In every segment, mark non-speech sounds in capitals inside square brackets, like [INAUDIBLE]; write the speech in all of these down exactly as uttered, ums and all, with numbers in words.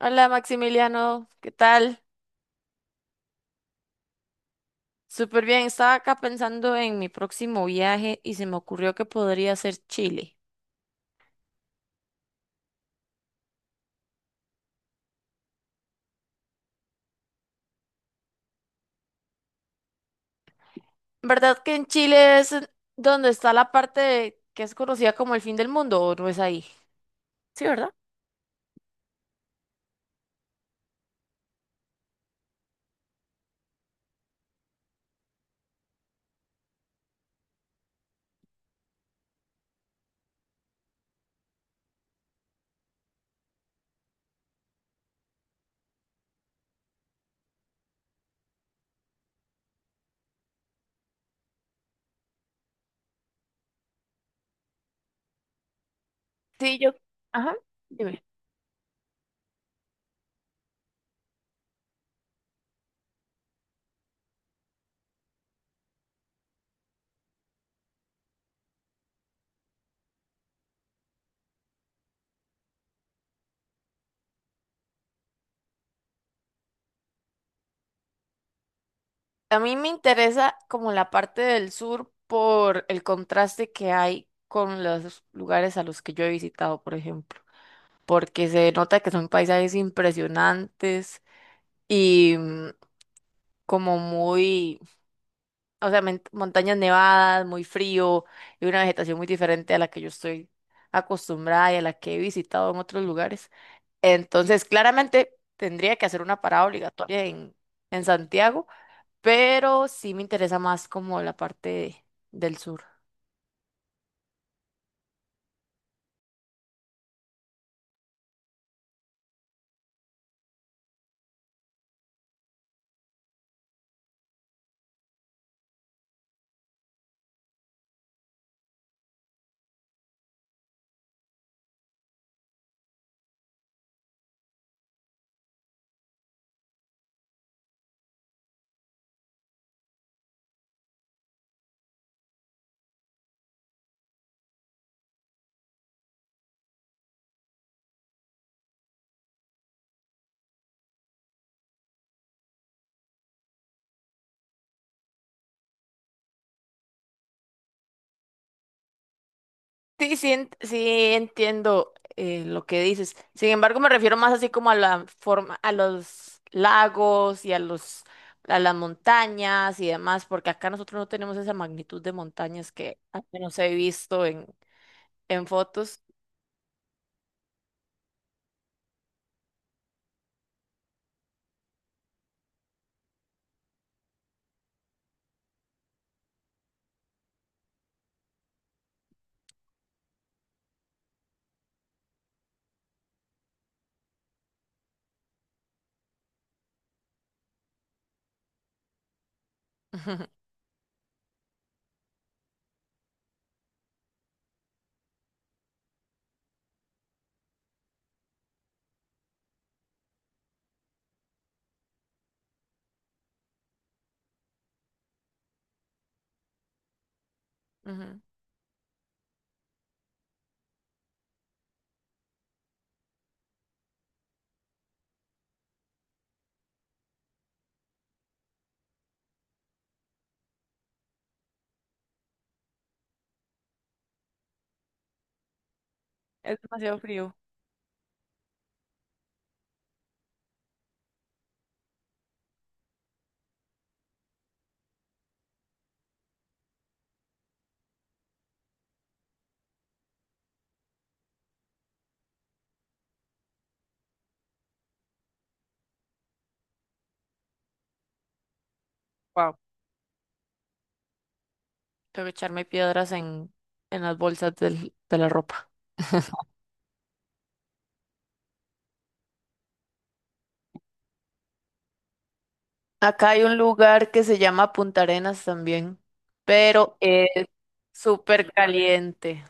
Hola Maximiliano, ¿qué tal? Súper bien, estaba acá pensando en mi próximo viaje y se me ocurrió que podría ser Chile. ¿Verdad que en Chile es donde está la parte de- que es conocida como el fin del mundo, o no es ahí? Sí, ¿verdad? Sí, yo. Ajá. A mí me interesa como la parte del sur por el contraste que hay con los lugares a los que yo he visitado, por ejemplo, porque se nota que son paisajes impresionantes y mm, como muy, o sea, men- montañas nevadas, muy frío, y una vegetación muy diferente a la que yo estoy acostumbrada y a la que he visitado en otros lugares. Entonces, claramente tendría que hacer una parada obligatoria en, en Santiago, pero sí me interesa más como la parte del sur. Sí, sí, ent- sí entiendo eh, lo que dices. Sin embargo, me refiero más así como a la forma, a los lagos y a los, a las montañas y demás, porque acá nosotros no tenemos esa magnitud de montañas que al menos he visto en, en fotos. [LAUGHS] Ujú. Es demasiado frío. Wow. Tengo que echarme piedras en, en las bolsas del- de la ropa. [LAUGHS] Acá hay un lugar que se llama Punta Arenas también, pero es súper caliente.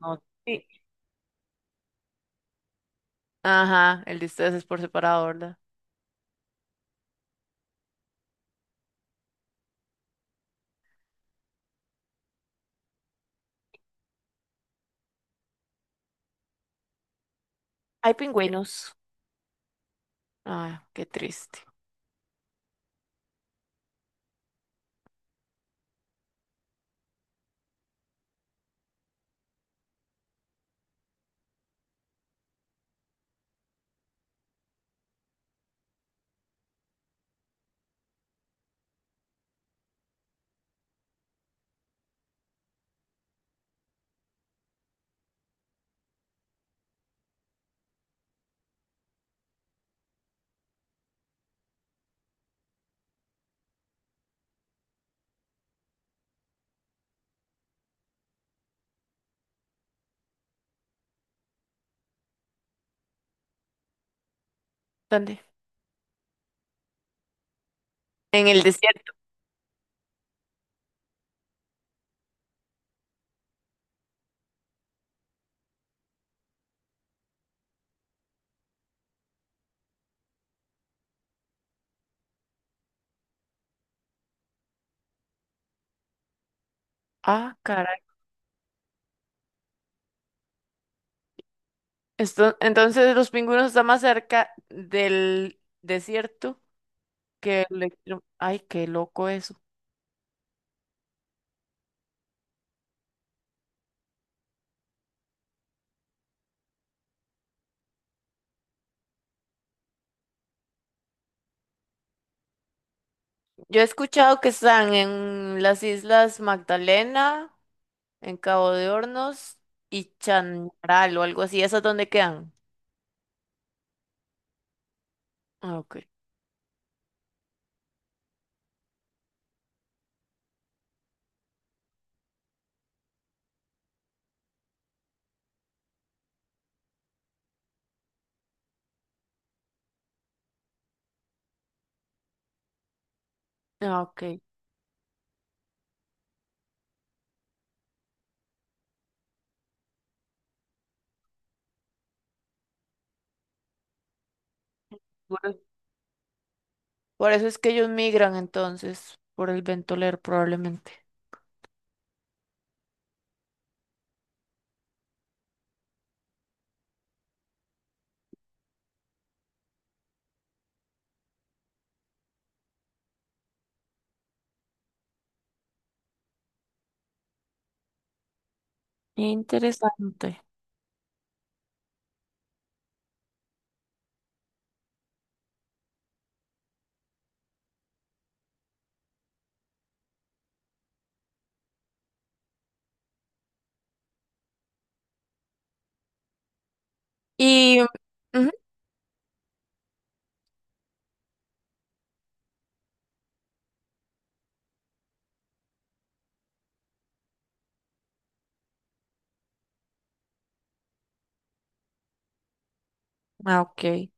No, sí. Ajá, el disfraz es por separado, ¿verdad? Hay pingüinos. Ay, qué triste. ¿Dónde? En el desierto. Ah, caray. Esto, entonces los pingüinos están más cerca del desierto que el extremo. Ay, qué loco eso. Yo he escuchado que están en las Islas Magdalena, en Cabo de Hornos y Chanral o algo así. ¿Esas dónde quedan? Ah, ok. Ah, ok. Por eso es que ellos migran entonces, por el ventoler probablemente. Interesante. Y... ujú. Ah, ok.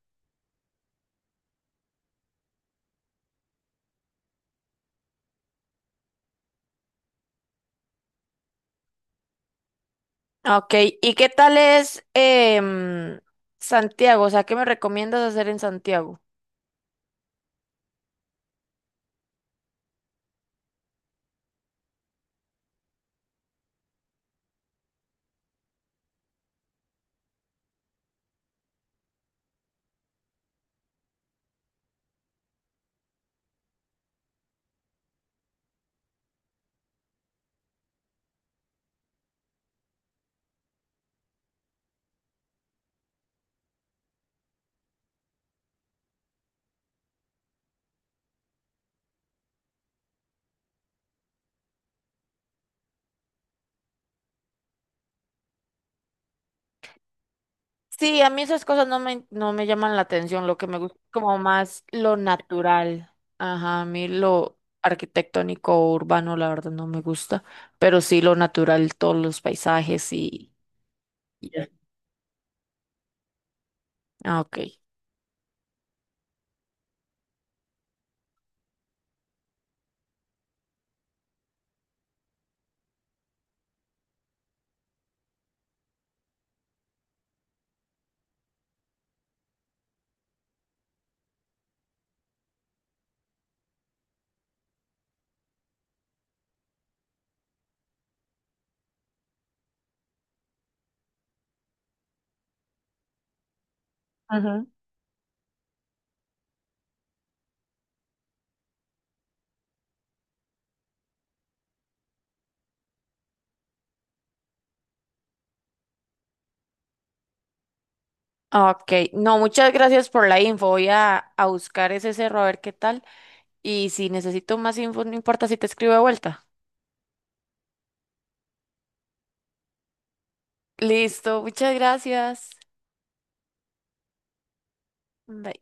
Ok, ¿y qué tal es em, Santiago? O sea, ¿qué me recomiendas hacer en Santiago? Sí, a mí esas cosas no me, no me llaman la atención, lo que me gusta es como más lo natural. Ajá, a mí lo arquitectónico o urbano, la verdad, no me gusta, pero sí lo natural, todos los paisajes y... y ya. Ah, ok. Ok, no, muchas gracias por la info. Voy a, a buscar ese cerro a ver qué tal. Y si necesito más info, no importa si te escribo de vuelta. Listo, muchas gracias. Bye.